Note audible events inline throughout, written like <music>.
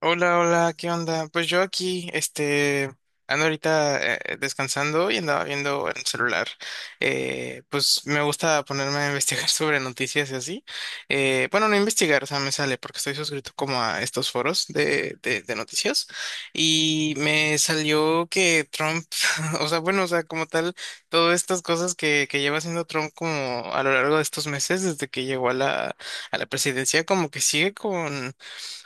Hola, hola, ¿qué onda? Pues yo aquí, ando ahorita descansando y andaba viendo en el celular. Pues me gusta ponerme a investigar <laughs> sobre noticias y así. Bueno, no investigar, o sea, me sale porque estoy suscrito como a estos foros de noticias y me salió que Trump, <laughs> o sea, bueno, o sea, como tal, todas estas cosas que lleva haciendo Trump como a lo largo de estos meses desde que llegó a la a la presidencia, como que sigue con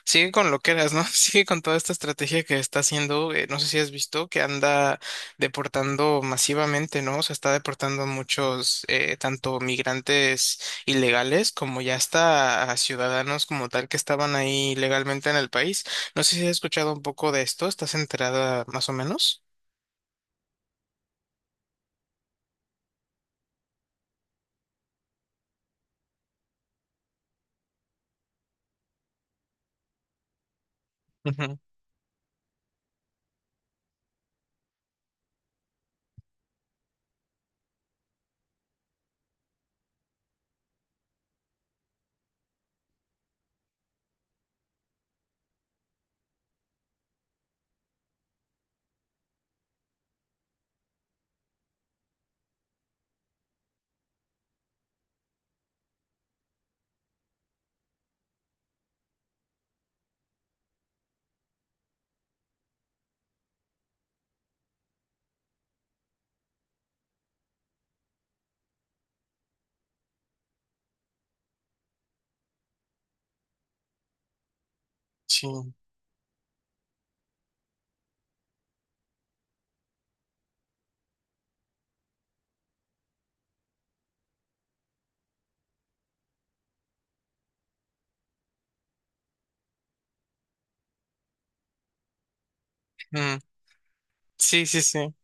sigue con lo que eras, ¿no? <laughs> Sigue con toda esta estrategia que está haciendo, no sé si has visto, que anda deportando masivamente, ¿no? O sea, está deportando a muchos, tanto migrantes ilegales como ya hasta a ciudadanos como tal que estaban ahí legalmente en el país. No sé si has escuchado un poco de esto, ¿estás enterada más o menos? Ujú. Sí. Mm. Sí, sí, sí.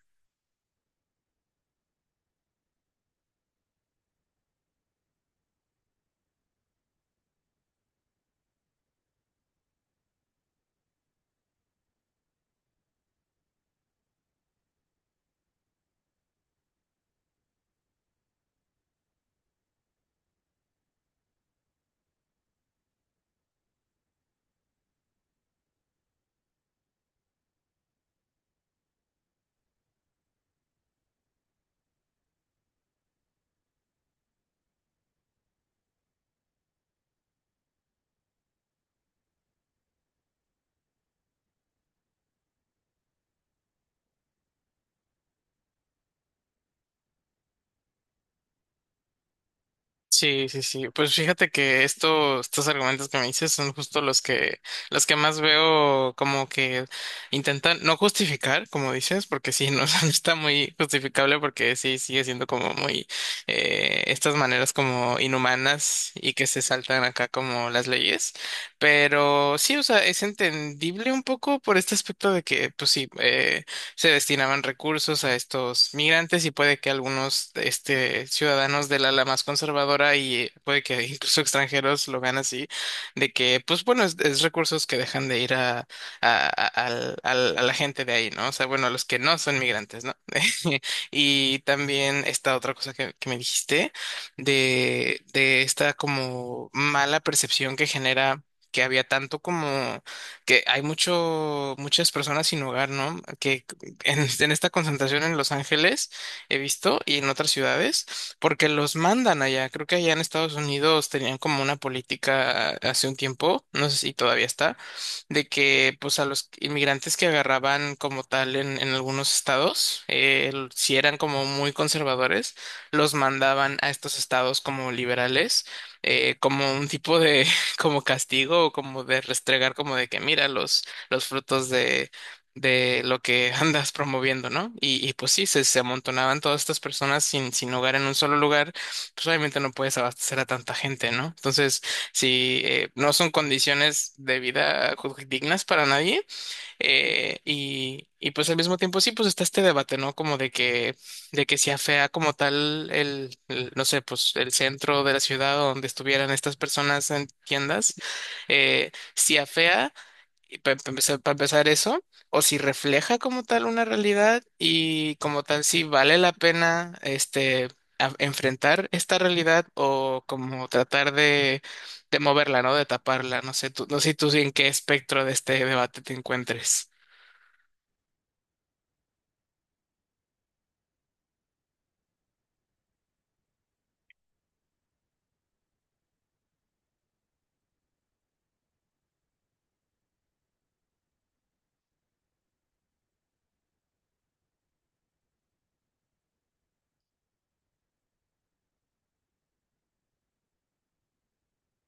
Sí, sí, sí. Pues fíjate que esto, estos argumentos que me dices son justo los que más veo como que intentan no justificar, como dices, porque sí, no, <laughs> no está muy justificable porque sí sigue siendo como muy estas maneras como inhumanas y que se saltan acá como las leyes. Pero sí, o sea, es entendible un poco por este aspecto de que, pues sí, se destinaban recursos a estos migrantes y puede que algunos este, ciudadanos del ala más conservadora y puede que incluso extranjeros lo vean así, de que, pues bueno, es recursos que dejan de ir a, a- a la gente de ahí, ¿no? O sea, bueno, los que no son migrantes, ¿no? <laughs> Y también esta otra cosa que me dijiste, de esta como mala percepción que genera, que había tanto como que hay muchas personas sin hogar, ¿no? Que, en esta concentración en Los Ángeles, he visto, y en otras ciudades, porque los mandan allá. Creo que allá en Estados Unidos tenían como una política hace un tiempo, no sé si todavía está, de que pues a los inmigrantes que agarraban como tal en algunos estados, si eran como muy conservadores, los mandaban a estos estados como liberales, como un tipo de <laughs> como castigo o como de restregar como de que mira los frutos de lo que <laughs> andas promoviendo, ¿no? Y pues sí, se amontonaban todas estas personas sin hogar en un solo lugar, pues obviamente no puedes abastecer a tanta gente, ¿no? Entonces, sí, no son condiciones de vida dignas para nadie. Y pues al mismo tiempo sí, pues está este debate, ¿no? Como de que sea fea como tal no sé, pues el centro de la ciudad donde estuvieran estas personas en tiendas, si afea para empezar, pa empezar eso, o si refleja como tal una realidad y como tal si vale la pena este enfrentar esta realidad o como tratar de moverla, ¿no? De taparla. No sé tú, no sé tú en qué espectro de este debate te encuentres.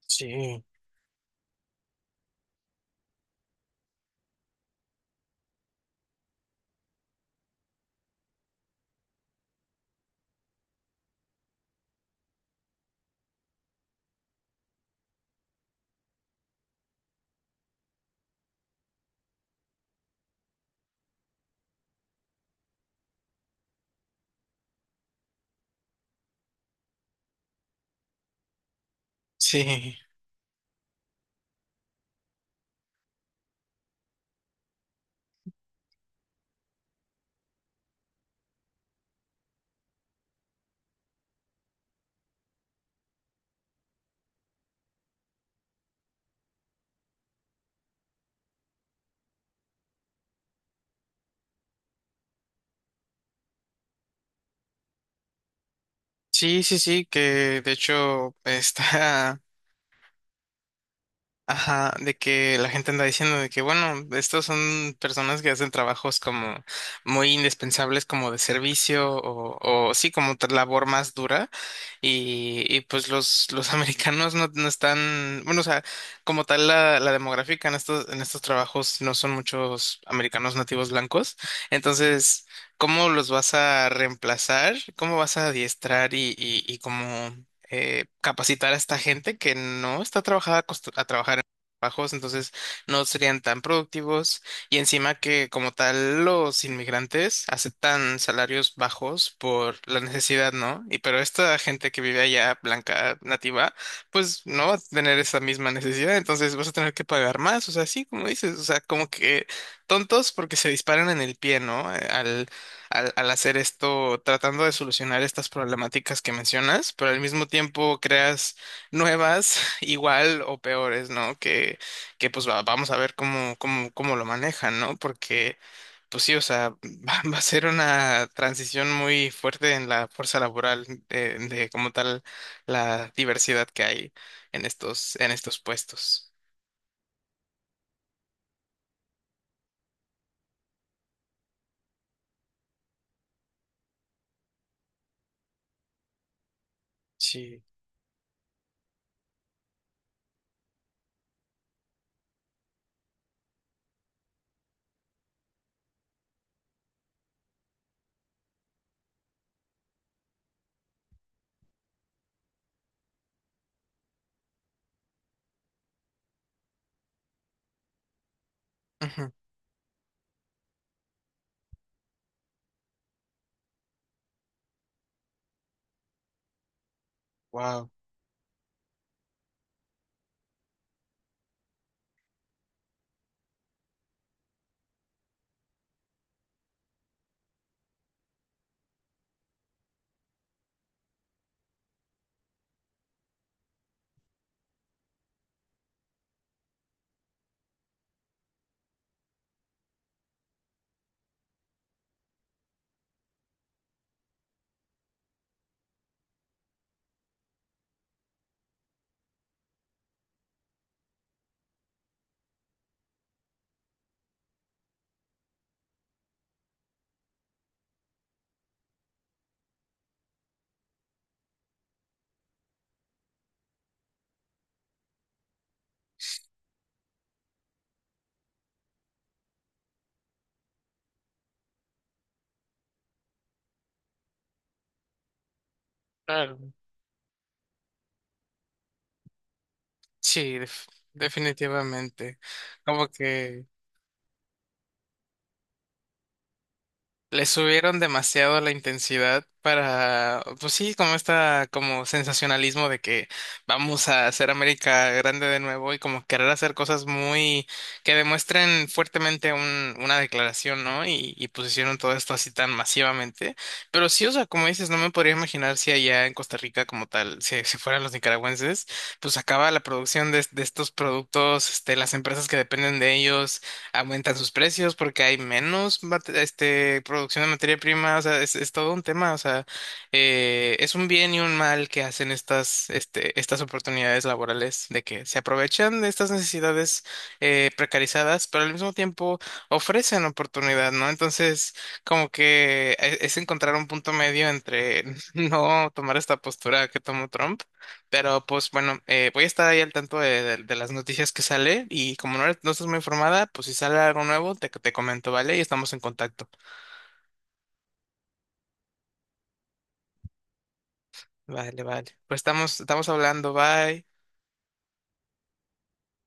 Sí, sí, sí, sí, sí, que de hecho está <laughs> ajá, de que la gente anda diciendo de que, bueno, estos son personas que hacen trabajos como muy indispensables, como de servicio o sí, como otra labor más dura. Y pues los <laughs> americanos no, no están, bueno, o sea, como tal la demográfica en estos trabajos no son muchos americanos nativos blancos. Entonces, ¿cómo los vas a reemplazar? ¿Cómo vas a adiestrar y cómo... capacitar a esta gente que no está trabajada a trabajar bajos, entonces no serían tan productivos y encima que como tal los inmigrantes aceptan salarios bajos por la necesidad, ¿no? Y pero esta gente que vive allá, blanca, nativa, pues no va a tener esa misma necesidad, entonces vas a tener que pagar más, o sea, sí, como dices, o sea, como que tontos porque se disparan en el pie, ¿no? Al hacer esto, tratando de solucionar estas problemáticas que mencionas, pero al mismo tiempo creas nuevas, <laughs> igual o peores, ¿no? Que pues vamos a ver cómo lo manejan, ¿no? Porque, pues sí, o sea, <laughs> va a ser una transición muy fuerte en la fuerza laboral de como tal la diversidad que hay en estos puestos. Sí. Wow. Claro. Sí, definitivamente. Como que le subieron demasiado la intensidad para, pues sí, como esta, como sensacionalismo de que vamos a hacer América grande de nuevo y como querer hacer cosas muy que demuestren fuertemente una declaración, ¿no? Y pues hicieron todo esto así tan masivamente. Pero sí, o sea, como dices, no me podría imaginar si allá en Costa Rica como tal, si fueran los nicaragüenses, pues acaba la producción de estos productos, este, las empresas que dependen de ellos aumentan sus precios porque hay menos este, producción de materia prima, o sea, es todo un tema, o sea, es un bien y un mal que hacen este, estas oportunidades laborales, de que se aprovechan de estas necesidades precarizadas, pero al mismo tiempo ofrecen oportunidad, ¿no? Entonces, como que es encontrar un punto medio entre <laughs> no tomar esta postura que tomó Trump, pero pues bueno, voy a estar ahí al tanto de las noticias que sale y como no, no estás muy informada, pues si sale algo nuevo, te comento, ¿vale? Y estamos en contacto. Vale, vale. Pues estamos, estamos hablando, bye.